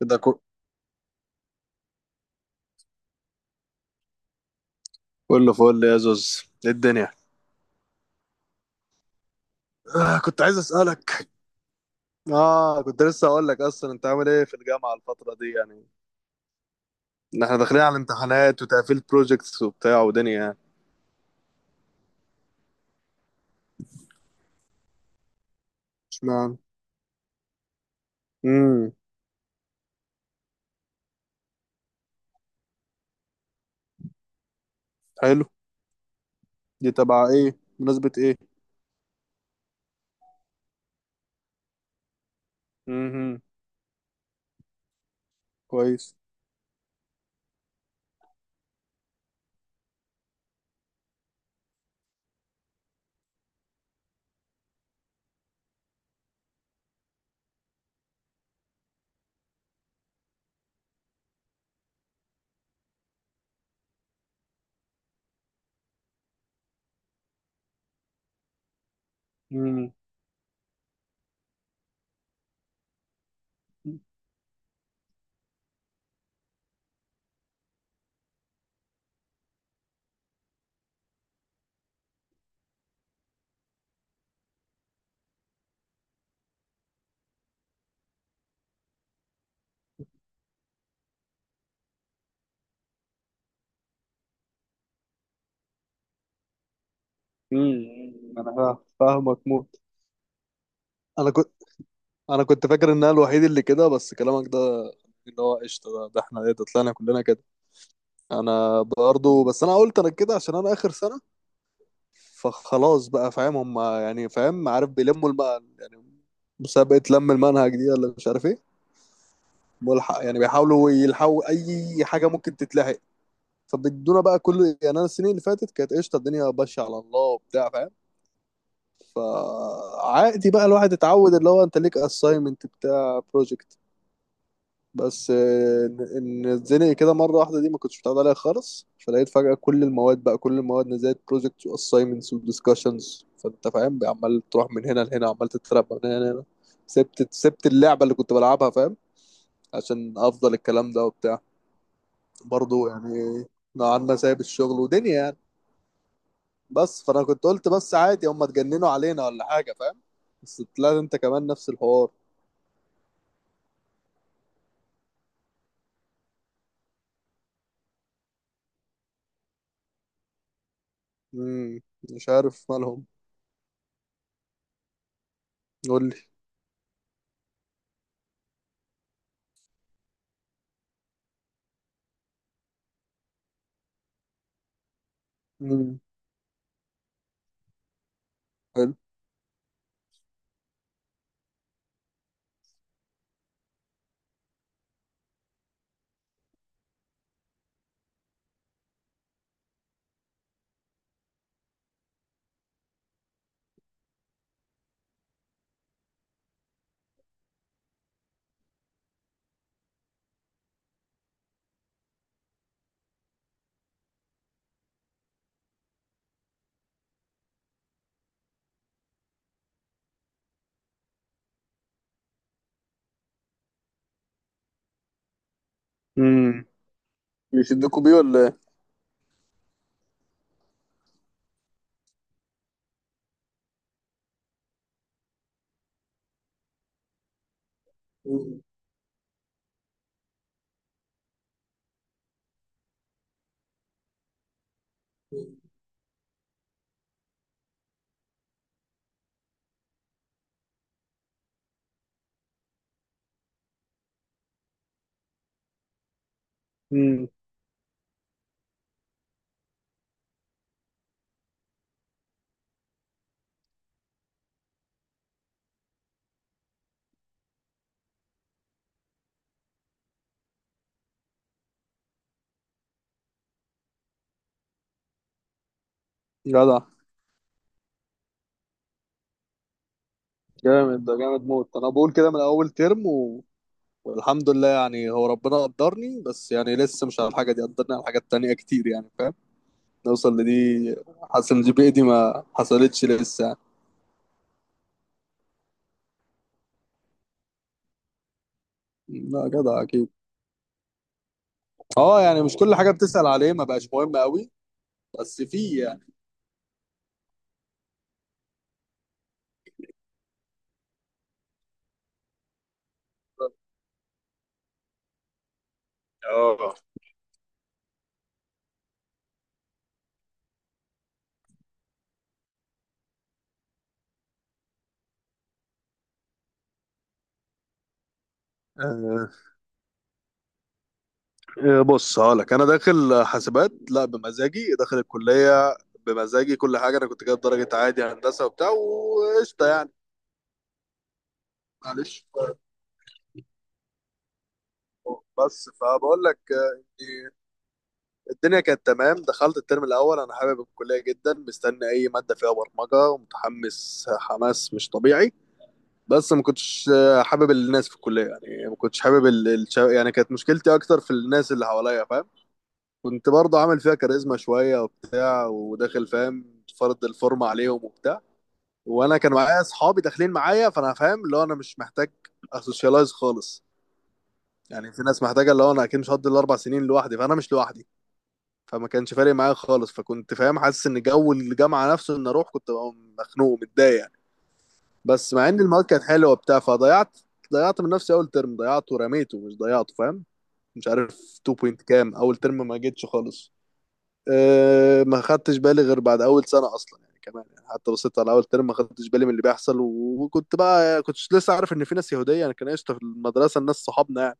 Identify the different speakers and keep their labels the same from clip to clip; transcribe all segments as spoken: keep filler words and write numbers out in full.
Speaker 1: كده كو- كله فل يا زوز، إيه الدنيا؟ آه كنت عايز اسالك. اه كنت لسه اقول لك، اصلا انت عامل ايه في الجامعه الفتره دي يعني؟ ان احنا داخلين على امتحانات وتقفيل بروجكتس وبتاع ودنيا يعني. اشمعنى؟ امم حلو. دي تبع ايه، مناسبه ايه؟ امم كويس. امم امم انا فاهم، فاهمك موت. انا كنت انا كنت فاكر ان انا الوحيد اللي كده، بس كلامك ده اللي هو قشطه. ده, ده احنا ايه، ده طلعنا كلنا كده. انا برضه بس انا قلت انا كده عشان انا اخر سنه. فخلاص بقى فاهم، هم يعني فاهم عارف بيلموا الم... يعني مسابقة لم المنهج دي ولا مش عارف ايه. ملحق يعني، بيحاولوا يلحقوا اي حاجة ممكن تتلحق. فبيدونا بقى كل يعني، انا السنين اللي فاتت كانت قشطة، الدنيا ماشية على الله وبتاع فاهم. فعادي بقى، الواحد اتعود اللي هو انت ليك اساينمنت بتاع بروجكت. بس آه، ان إن اتزنق كده مره واحده، دي ما كنتش متعود عليها خالص. فلقيت فجاه كل المواد بقى، كل المواد نزلت بروجكتس واساينمنتس وديسكشنز، فانت فاهم بقى، عمال تروح من هنا لهنا، عمال تترقى من هنا لهنا. سبت سبت اللعبه اللي كنت بلعبها فاهم، عشان افضل الكلام ده وبتاع. برضه يعني نوعا ما سايب الشغل ودنيا يعني. بس فانا كنت قلت بس عادي، هم اتجننوا علينا ولا حاجه فاهم. بس طلعت انت كمان نفس الحوار. امم مش عارف مالهم. قول لي. امم حلو. بيشدكوا بيه ولا ايه؟ امم جدع. جامد، ده جامد موت. انا بقول كده من اول ترم و... والحمد لله يعني، هو ربنا قدرني، بس يعني لسه مش على الحاجه دي، قدرني على حاجات تانية كتير يعني فاهم. نوصل لدي. حاسس ان الجي دي ما حصلتش لسه يعني. لا جدع اكيد. اه يعني، مش كل حاجه بتسأل عليه ما بقاش مهم قوي. بس في يعني. اه إيه، بص هقولك، انا داخل حاسبات لا بمزاجي، داخل الكليه بمزاجي كل حاجه. انا كنت جايب درجه عادي هندسه وبتاع وقشطه يعني. معلش. بس فبقول لك آه، إن الدنيا كانت تمام. دخلت الترم الاول، انا حابب الكليه جدا، مستني اي ماده فيها برمجه، ومتحمس حماس مش طبيعي. بس ما كنتش آه، حابب الناس في الكليه يعني. ما كنتش حابب ال... الشا- يعني كانت مشكلتي اكتر في الناس اللي حواليا فاهم. كنت برضه عامل فيها كاريزما شويه وبتاع، وداخل فاهم فرض الفورمه عليهم وبتاع. وانا كان معايا اصحابي داخلين معايا، فانا فاهم اللي هو انا مش محتاج اسوشيالايز خالص يعني. في ناس محتاجه، اللي هو انا اكيد مش هقضي الاربع سنين لوحدي، فانا مش لوحدي. فما كانش فارق معايا خالص. فكنت فاهم حاسس ان جو الجامعه نفسه، ان اروح كنت ببقى مخنوق متضايق يعني. بس مع ان المواد كانت حلوه وبتاع، فضيعت ضيعت من نفسي اول ترم. ضيعته ورميته، مش ضيعته فاهم. مش عارف 2 بوينت كام اول ترم، ما جيتش خالص. أه ما خدتش بالي غير بعد اول سنه اصلا يعني. كمان يعني، حتى بصيت على اول ترم ما خدتش بالي من اللي بيحصل. و- وكنت بقى كنتش لسه عارف ان في ناس يهوديه. انا كان قشطه في المدرسه الناس صحابنا يعني.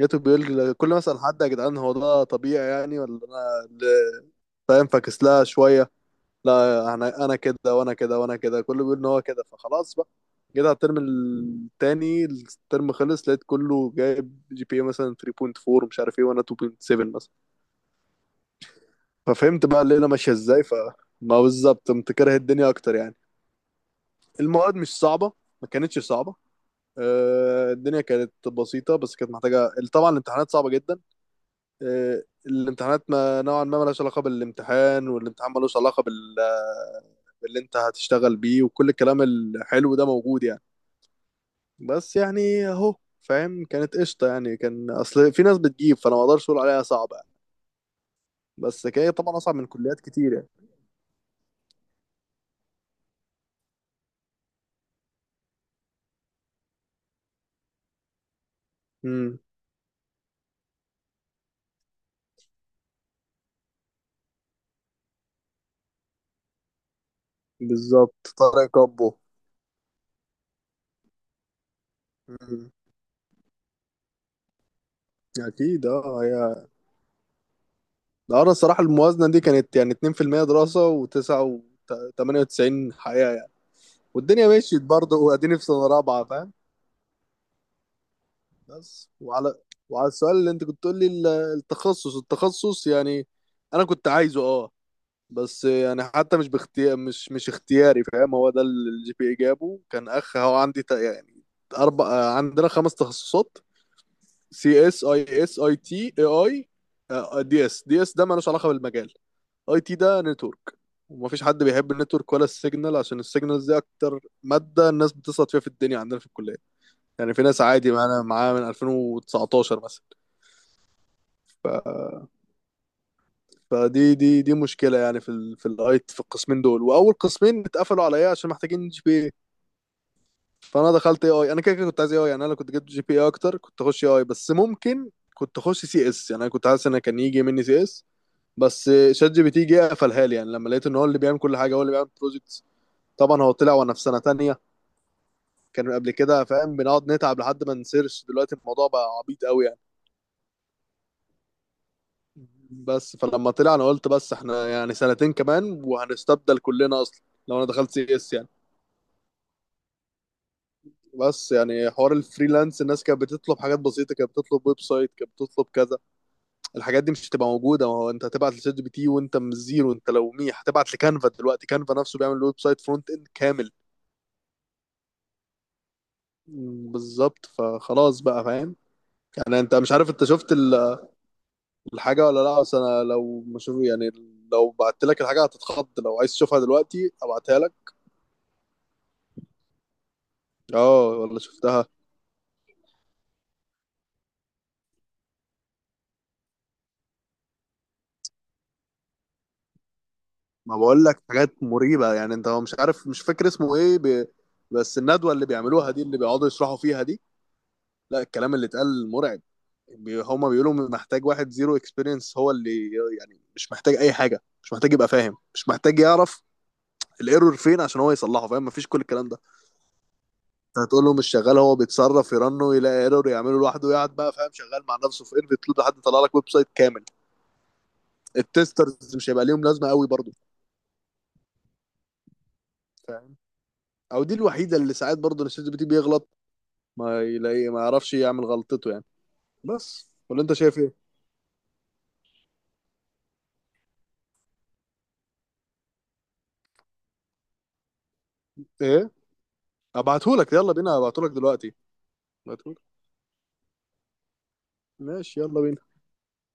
Speaker 1: لقيته بيقول، كل ما اسال حد يا جدعان، هو ده طبيعي يعني ولا انا اللي فاهم فاكس لها شويه. لا، انا انا كده وانا كده وانا كده كله بيقول ان هو كده، فخلاص بقى. جيت على الترم التاني، الترم خلص، لقيت كله جايب جي بي اي مثلا ثري بوينت فور مش عارف ايه، وانا اتنين فاصلة سبعة مثلا. ففهمت بقى الليله ماشيه ازاي، فما بالظبط قمت كاره الدنيا اكتر يعني. المواد مش صعبه، ما كانتش صعبه. آه، الدنيا كانت بسيطه، بس كانت محتاجه طبعا. الامتحانات صعبه جدا. آه، الامتحانات ما نوعا ما ملهاش علاقه بالامتحان، والامتحان ملوش علاقه بال باللي انت هتشتغل بيه، وكل الكلام الحلو ده موجود يعني. بس يعني اهو فاهم، كانت قشطه يعني. كان اصل في ناس بتجيب، فانا ما اقدرش اقول عليها صعبه يعني. بس كده طبعا اصعب من كليات كتير يعني. امم بالظبط طارق كابو. مم. اكيد اه هي. ده انا الصراحه الموازنه دي كانت يعني اتنين في المية دراسه و9 و98 حقيقه يعني. والدنيا مشيت برضه، واديني في سنه رابعه فاهم. بس وعلى وعلى السؤال اللي انت كنت تقول لي، ال- التخصص التخصص يعني، انا كنت عايزه اه. بس يعني حتى مش باختيار، مش مش اختياري فاهم. هو ده اللي الجي بي اي جابه. كان اخ هو عندي ت- يعني اربع آه، عندنا خمس تخصصات: سي اس، اي اس، اي تي، اي اي، دي اس. دي اس ده مالوش علاقه بالمجال. اي تي ده نتورك، ومفيش حد بيحب النتورك ولا السيجنال، عشان السيجنالز دي اكتر ماده الناس بتسقط فيها في الدنيا عندنا في الكليه. يعني في ناس عادي معانا معاها من الفين وتسعتاشر مثلا. ف... فدي دي دي مشكله يعني في ال... في الاي في القسمين دول، واول قسمين اتقفلوا عليا عشان محتاجين جي بي اي. فانا دخلت اي اي. انا كده كده كنت عايز اي اي يعني. انا لو كنت جبت جي بي اي اكتر كنت اخش اي اي، بس ممكن كنت اخش سي اس يعني. انا كنت حاسس ان كان يجي مني سي اس، بس شات جي بي تي جه قفلها لي يعني. لما لقيت ان هو اللي بيعمل كل حاجه، هو اللي بيعمل بروجكت. طبعا هو طلع وانا في سنه تانية. كان قبل كده فاهم بنقعد نتعب لحد ما نسيرش، دلوقتي الموضوع بقى عبيط قوي يعني. بس فلما طلع انا قلت بس احنا يعني سنتين كمان وهنستبدل كلنا اصلا، لو انا دخلت سي اس يعني. بس يعني حوار الفريلانس، الناس كانت بتطلب حاجات بسيطه، كانت بتطلب ويب سايت، كانت بتطلب كذا. الحاجات دي مش هتبقى موجوده، ما هو انت هتبعت لشات جي بي تي وانت من الزيرو. انت لو ميح هتبعت لكانفا، دلوقتي كانفا نفسه بيعمل ويب سايت فرونت اند كامل. بالظبط فخلاص بقى فاهم. يعني انت مش عارف انت شفت ال الحاجة ولا لا؟ بس انا لو مش يعني، لو بعت لك الحاجة هتتخض. لو عايز تشوفها دلوقتي ابعتها لك. اه والله شفتها. ما بقول لك حاجات مريبة يعني. انت مش عارف، مش فاكر اسمه ايه ب... بس الندوة اللي بيعملوها دي، اللي بيقعدوا يشرحوا فيها دي، لا الكلام اللي اتقال مرعب. بي... هما بيقولوا محتاج واحد زيرو اكسبيرينس، هو اللي يعني مش محتاج اي حاجة، مش محتاج يبقى فاهم، مش محتاج يعرف الايرور فين عشان هو يصلحه فاهم، مفيش كل الكلام ده. هتقول له مش شغال، هو بيتصرف، يرنه يلاقي ايرور يعمله لوحده، يقعد بقى فاهم شغال مع نفسه في ايرفي تلود لحد يطلع لك ويب سايت كامل. التسترز مش هيبقى ليهم لازمه قوي برضو فاهم. او دي الوحيده اللي ساعات برضو ان الشات جي بي تي بيغلط، ما يلاقي، ما يعرفش يعمل غلطته يعني. بس ولا انت شايف ايه؟ ايه؟ ابعتهولك، يلا بينا، ابعتهولك دلوقتي. ابعتهولك، ماشي يلا بينا.